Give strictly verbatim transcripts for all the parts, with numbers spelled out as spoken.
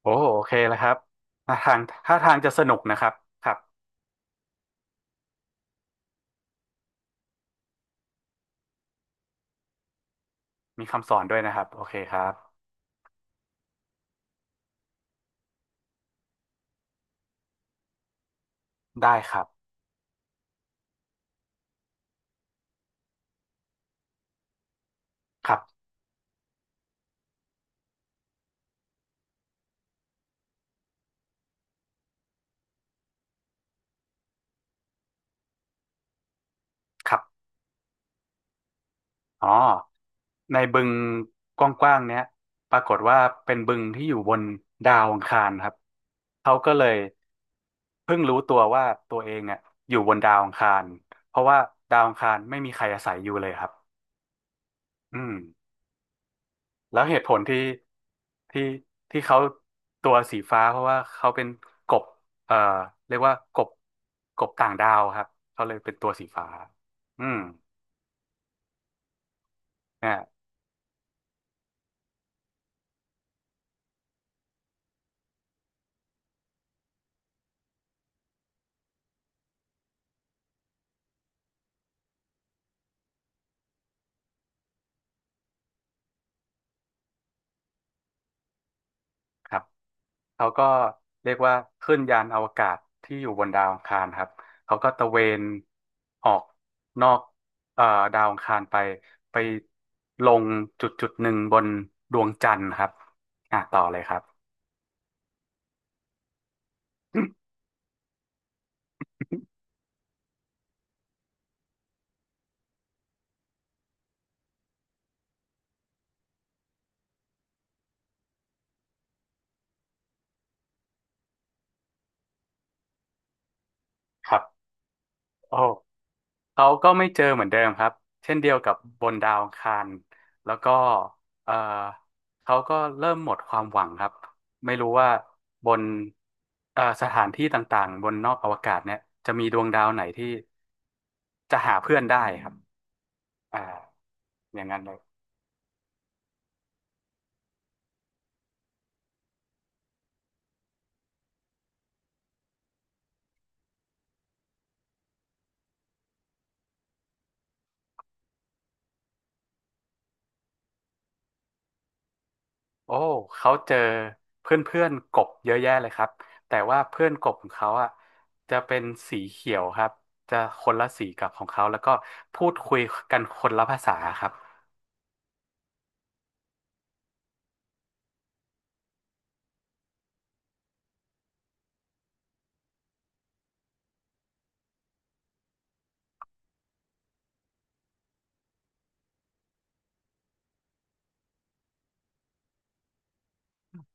โอ้โอเคแล้วครับท่าทางท่าทางจะสนุกนะครับครับมีคำสอนด้วยนะครับโอเคครับได้ครับครับครับอ๋อในบึงกว้างๆเนี้ยปรากฏว่าเป็นบึงที่อยู่บนดาวอังคารครับเขาก็เลยเพิ่งรู้ตัวว่าตัวเองอ่ะอยู่บนดาวอังคารเพราะว่าดาวอังคารไม่มีใครอาศัยอยู่เลยครับอืม แล้วเหตุผลที่ที่ที่เขาตัวสีฟ้าเพราะว่าเขาเป็นกบเอ่อเรียกว่ากบกบต่างดาวครับเขาเลยเป็นตัวสีฟ้าอืมเนี่ยครับเขาก็เรียกว่าขึ้นยานอวกาศที่อยู่บนดาวอังคารครับเขาก็ตระเวนออกนอกเอ่อดาวอังคารไปไปลงจุดจุดหนึ่งบนดวงจันทร์ครับอ่ะต่อเลยครับ ครับโอ้ เขาก็ไม่เจอเหมือนเดิมครับเช่นเดียวกับบนดาวอังคารแล้วก็เอ่อเขาก็เริ่มหมดความหวังครับไม่รู้ว่าบนเอ่อสถานที่ต่างๆบนนอกอวกาศเนี่ยจะมีดวงดาวไหนที่จะหาเพื่อนได้ครับอ่าอย่างนั้นเลยโอ้เขาเจอเพื่อนๆกบเยอะแยะเลยครับแต่ว่าเพื่อนกบของเขาอ่ะจะเป็นสีเขียวครับจะคนละสีกับของเขาแล้วก็พูดคุยกันคนละภาษาครับ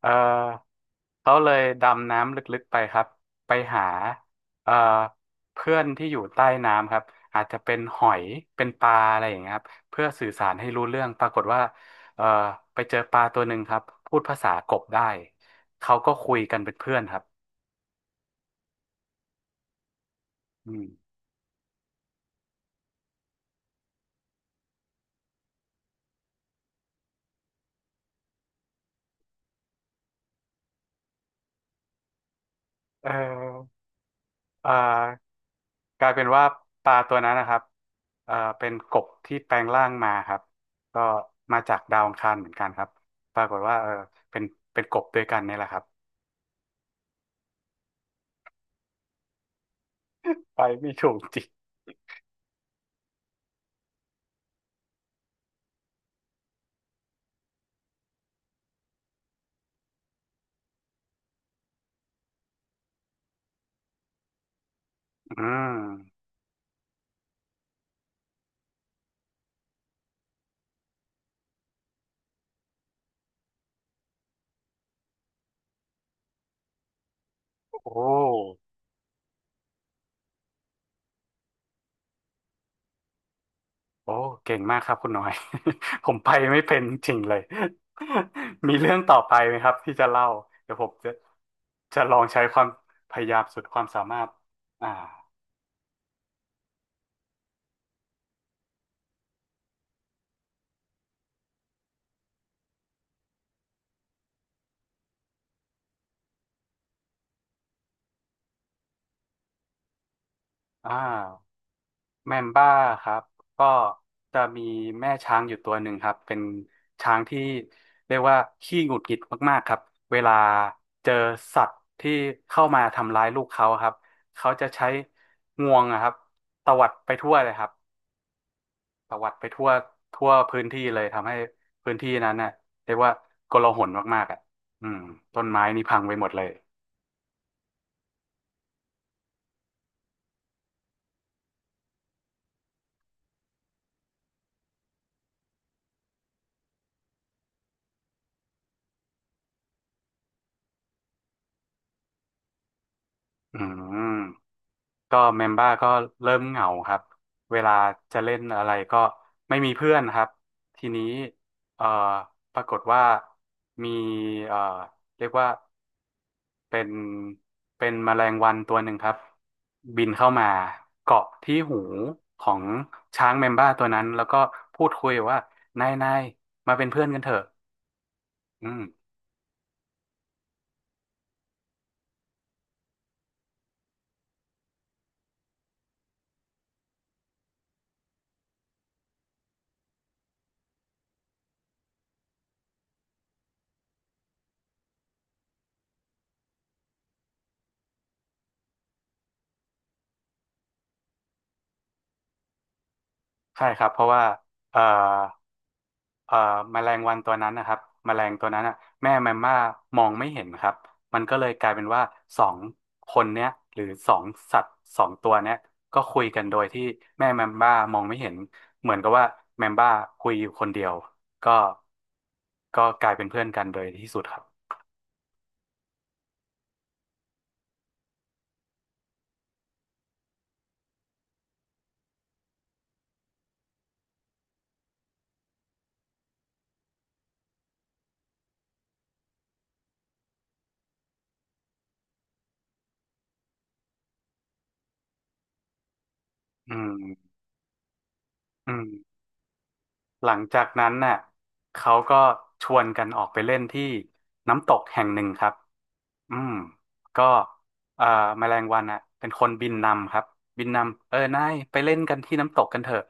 เออเขาเลยดำน้ำลึกๆไปครับไปหาเออเพื่อนที่อยู่ใต้น้ำครับอาจจะเป็นหอย เป็นปลาอะไรอย่างเงี้ยครับเพื่อสื่อสารให้รู้เรื่องปรากฏว่าเออไปเจอปลาตัวหนึ่งครับพูดภาษากบได้ เขาก็คุยกันเป็นเพื่อนครับอืมเออเออกลายเป็นว่าปลาตัวนั้นนะครับเออเป็นกบที่แปลงร่างมาครับก็มาจากดาวอังคารเหมือนกันครับปรากฏว่าเออเป็นเป็นกบด้วยกันเนี่ยแหละครับ ไปไม่ถูกจริงอืมโอ้โอ้เก่งมากครับคุณหน่อย ผมไปไม่เป็นจริงเลย มีเรื่องต่อไปไหมครับที่จะเล่าเดี๋ยวผมจะจะลองใช้ความพยายามสุดความสามารถอ่าอ่า แมมบ้าครับก็จะมีแม่ช้างอยู่ตัวหนึ่งครับเป็นช้างที่เรียกว่าขี้หงุดหงิดมากๆครับเวลาเจอสัตว์ที่เข้ามาทำร้ายลูกเขาครับเขาจะใช้งวงอะครับตวัดไปทั่วเลยครับตวัดไปทั่วทั่วพื้นที่เลยทำให้พื้นที่นั้นน่ะเรียกว่าโกลาหลมากๆอ่ะอืมต้นไม้นี่พังไปหมดเลยอืม ก็เมมเบอร์ก็เริ่มเหงาครับเวลาจะเล่นอะไรก็ไม่มีเพื่อนครับทีนี้เอ่อปรากฏว่ามีเอ่อเรียกว่าเป็นเป็นแมลงวันตัวหนึ่งครับบินเข้ามาเกาะที่หูของช้างเมมเบอร์ตัวนั้นแล้วก็พูดคุยว่านายนายมาเป็นเพื่อนกันเถอะอืมใช่ครับเพราะว่าเอ่อ เอ่อแมลงวันตัวนั้นนะครับแมลงตัวนั้นอ่ะแม่แมมม่ามองไม่เห็นครับมันก็เลยกลายเป็นว่าสองคนเนี้ยหรือสองสัตว์สองตัวเนี้ยก็คุยกันโดยที่แม่แมมม่ามองไม่เห็นเหมือนกับว่าแมมม่าคุยอยู่คนเดียวก็ก็กลายเป็นเพื่อนกันโดยที่สุดครับอืมอืมหลังจากนั้นน่ะเขาก็ชวนกันออกไปเล่นที่น้ำตกแห่งหนึ่งครับ อืมก็เอ่อแมลงวันอ่ะเป็นคนบินนำครับบินนำเออนายไปเล่นกันที่น้ำตกกันเถอะ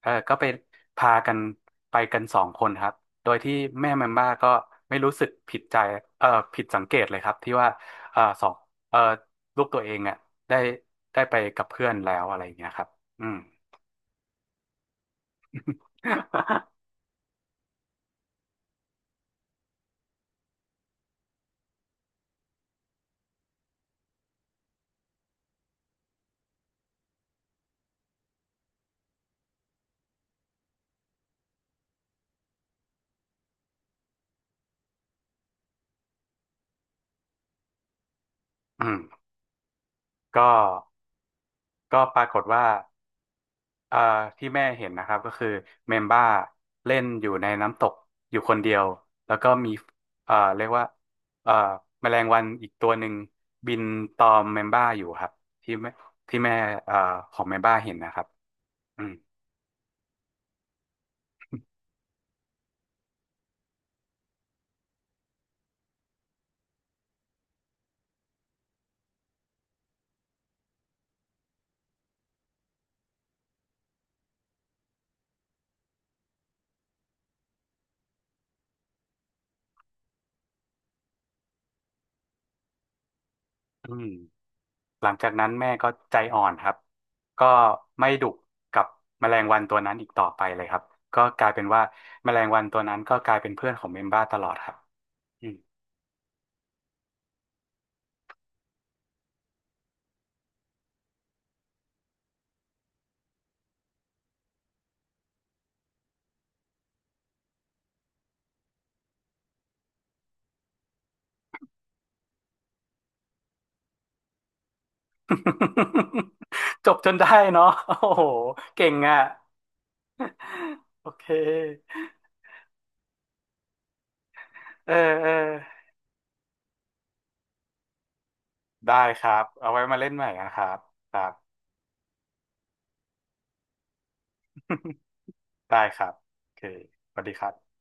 เออก็ไปพากันไปกันสองคนครับโดยที่แม่แมมบ้าก็ไม่รู้สึกผิดใจเออผิดสังเกตเลยครับที่ว่าเออสองเออลูกตัวเองอ่ะได้ได้ไปกับเพื่อนแล้วอะไรอย่างเงี้ยครับอืม อืมก็ก็ปรากฏว่า อ่าที่แม่เห็นนะครับก็คือเมมบ้าเล่นอยู่ในน้ำตกอยู่คนเดียวแล้วก็มีอ่าเรียกว่าอ่าแมลงวันอีกตัวหนึ่งบินตอมเมมบ้าอยู่ครับที่แม่ที่แม่อ่าของเมมบ้าเห็นนะครับอืมอืมหลังจากนั้นแม่ก็ใจอ่อนครับก็ไม่ดุกับแมลงวันตัวนั้นอีกต่อไปเลยครับก็กลายเป็นว่าแมลงวันตัวนั้นก็กลายเป็นเพื่อนของเมมบ้าตลอดครับ จบจนได้เนาะโอ้โหเก่งอ่ะโอเคเออเออได้ครับ เอาไว้มาเล่นใหม่นะครับครับ ได้ครับโอเคสวัสดีครับ